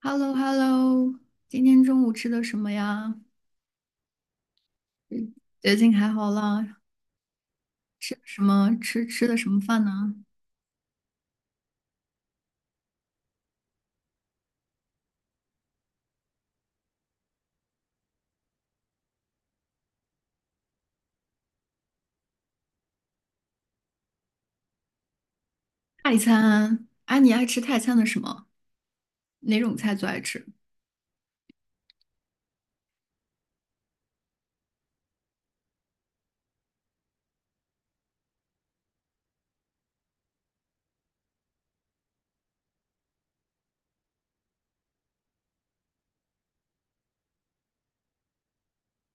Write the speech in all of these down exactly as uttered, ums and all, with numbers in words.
h e l l o h e l l o 今天中午吃的什么呀？嗯。最近还好啦。吃什么？吃吃的什么饭呢？泰餐。啊，你爱吃泰餐的什么？哪种菜最爱吃？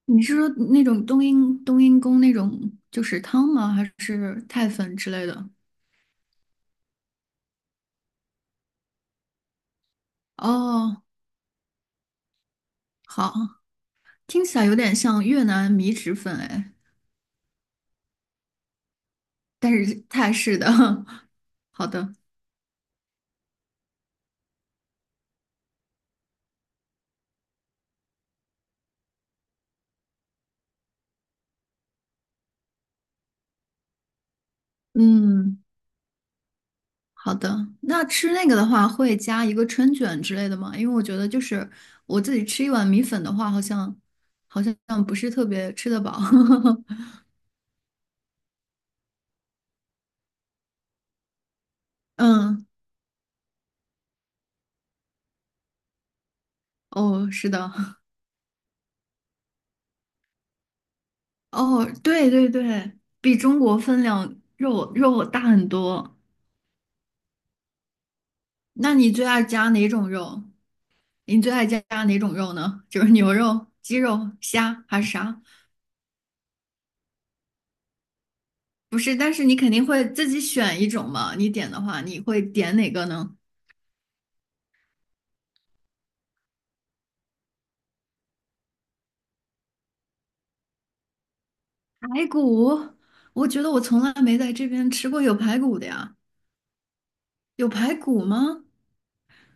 你是说那种冬阴冬阴功那种就是汤吗？还是泰粉之类的？哦，好，听起来有点像越南米脂粉哎，但是泰式的。好的，嗯。好的，那吃那个的话，会加一个春卷之类的吗？因为我觉得就是我自己吃一碗米粉的话，好像好像不是特别吃得饱。嗯，哦，是的，哦，对对对，比中国分量肉肉大很多。那你最爱加哪种肉？你最爱加哪种肉呢？就是牛肉、鸡肉、虾还是啥？不是，但是你肯定会自己选一种嘛。你点的话，你会点哪个呢？排骨，我觉得我从来没在这边吃过有排骨的呀。有排骨吗？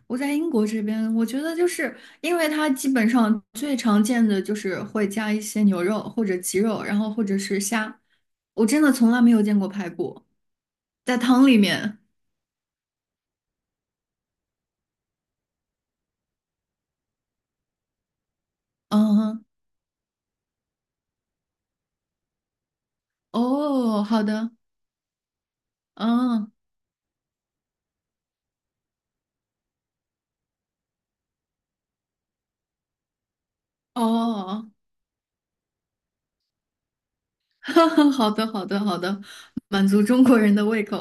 我在英国这边，我觉得就是因为它基本上最常见的就是会加一些牛肉或者鸡肉，然后或者是虾。我真的从来没有见过排骨在汤里面。嗯，哦，好的，嗯，哦，好的，好的，好的，满足中国人的胃口。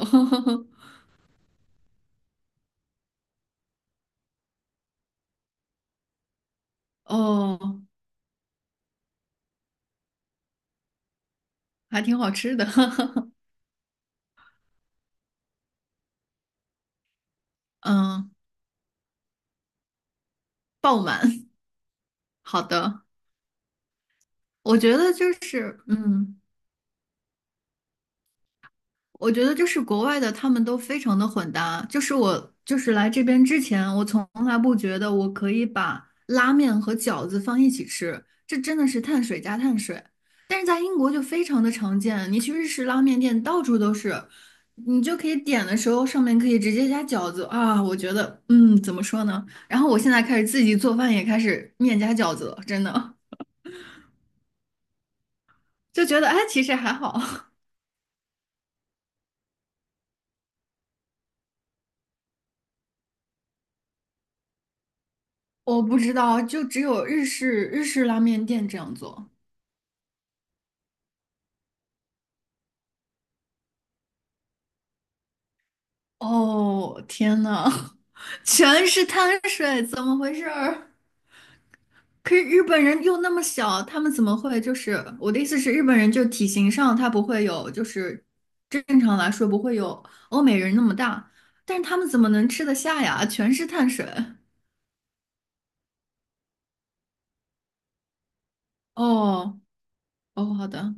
哦，还挺好吃的。嗯，爆满。好的，我觉得就是，嗯，我觉得就是国外的他们都非常的混搭。就是我就是来这边之前，我从来不觉得我可以把拉面和饺子放一起吃，这真的是碳水加碳水。但是在英国就非常的常见，你去日式拉面店到处都是，你就可以点的时候上面可以直接加饺子啊。我觉得，嗯，怎么说呢？然后我现在开始自己做饭，也开始面加饺子了，真的 就觉得哎，其实还好。我不知道，就只有日式日式拉面店这样做。哦，天呐，全是碳水，怎么回事儿？可是日本人又那么小，他们怎么会就是我的意思是，日本人就体型上他不会有，就是正常来说不会有欧美人那么大，但是他们怎么能吃得下呀？全是碳水。哦哦，好的，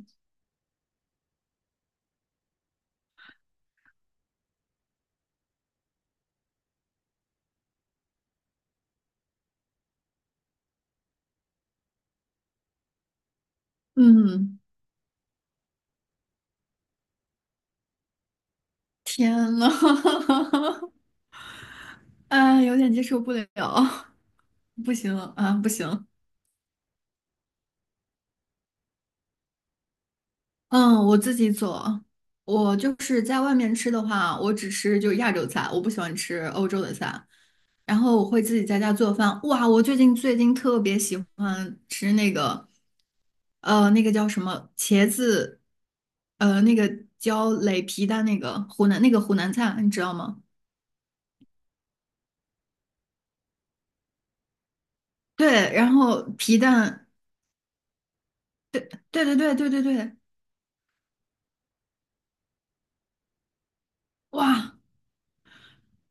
嗯，天呐，哎，有点接受不了，不行啊，不行。嗯，我自己做。我就是在外面吃的话，我只吃就亚洲菜，我不喜欢吃欧洲的菜。然后我会自己在家做饭。哇，我最近最近特别喜欢吃那个，呃，那个叫什么茄子，呃，那个叫擂皮蛋，那个湖南那个湖南菜，你知道吗？对，然后皮蛋，对对对对对对对，哇！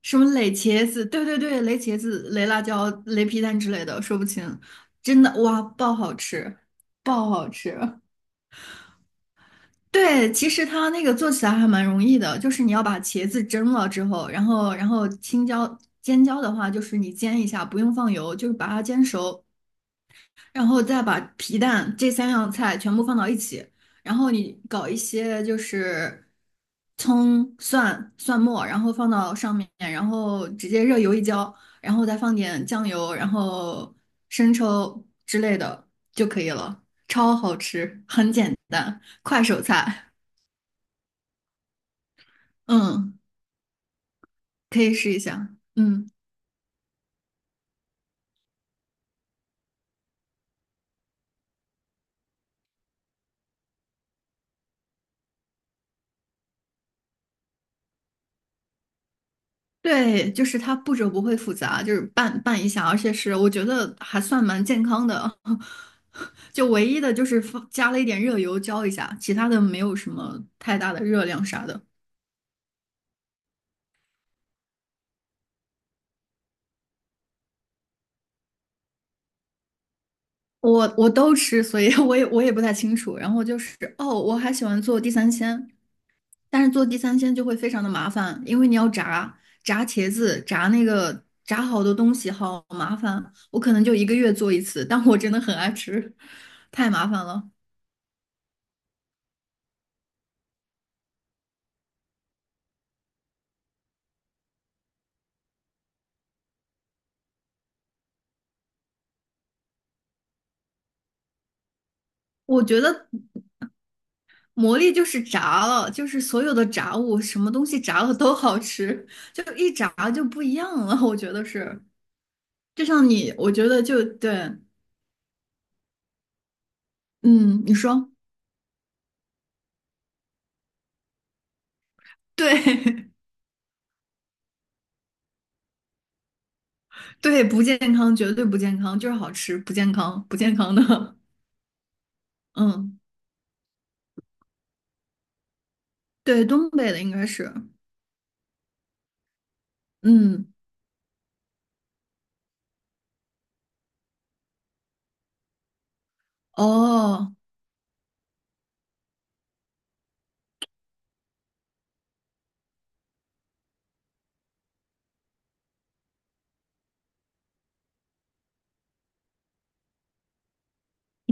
什么垒茄子，对对对，垒茄子、垒辣椒、垒皮蛋之类的，说不清。真的，哇，爆好吃，爆好吃。对，其实它那个做起来还蛮容易的，就是你要把茄子蒸了之后，然后然后青椒、尖椒的话，就是你煎一下，不用放油，就是把它煎熟，然后再把皮蛋这三样菜全部放到一起，然后你搞一些就是葱、蒜、蒜末，然后放到上面，然后直接热油一浇，然后再放点酱油，然后生抽之类的就可以了，超好吃，很简单，快手菜，嗯，可以试一下，嗯。对，就是它步骤不会复杂，就是拌拌一下，而且是我觉得还算蛮健康的。就唯一的就是放加了一点热油浇一下，其他的没有什么太大的热量啥的。我我都吃，所以 我也我也不太清楚。然后就是哦，我还喜欢做地三鲜，但是做地三鲜就会非常的麻烦，因为你要炸炸茄子，炸那个炸好多东西，好麻烦。我可能就一个月做一次，但我真的很爱吃，太麻烦了。我觉得魔力就是炸了，就是所有的炸物，什么东西炸了都好吃，就一炸就不一样了。我觉得是，就像你，我觉得就对，嗯，你说对，对，不健康，绝对不健康，就是好吃，不健康，不健康的，嗯，对，东北的应该是，嗯，哦，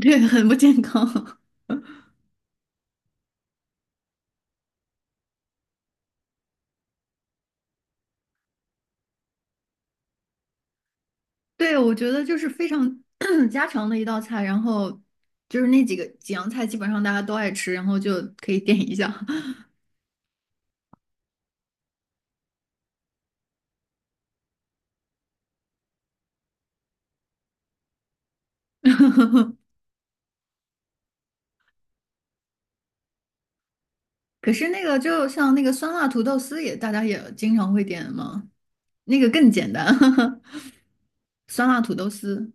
对，很不健康，对，我觉得就是非常 家常的一道菜，然后就是那几个几样菜，基本上大家都爱吃，然后就可以点一下。可是那个就像那个酸辣土豆丝也，大家也经常会点嘛，那个更简单，酸辣土豆丝，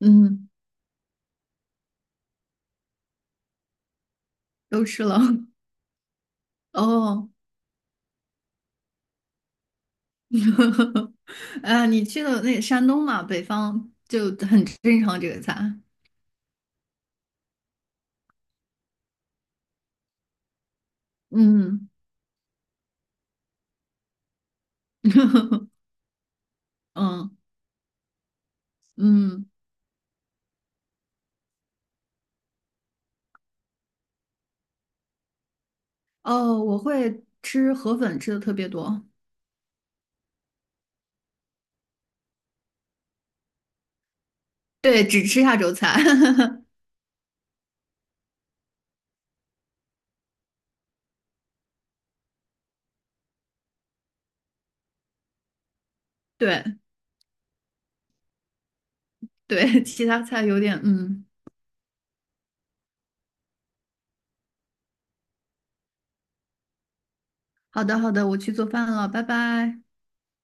嗯，都吃了。哦，呃，你去了那山东嘛，北方就很正常这个菜，嗯，嗯嗯，哦，我会吃河粉，吃的特别多，对，只吃亚洲菜，对对，其他菜有点，嗯，好的好的，我去做饭了，拜拜。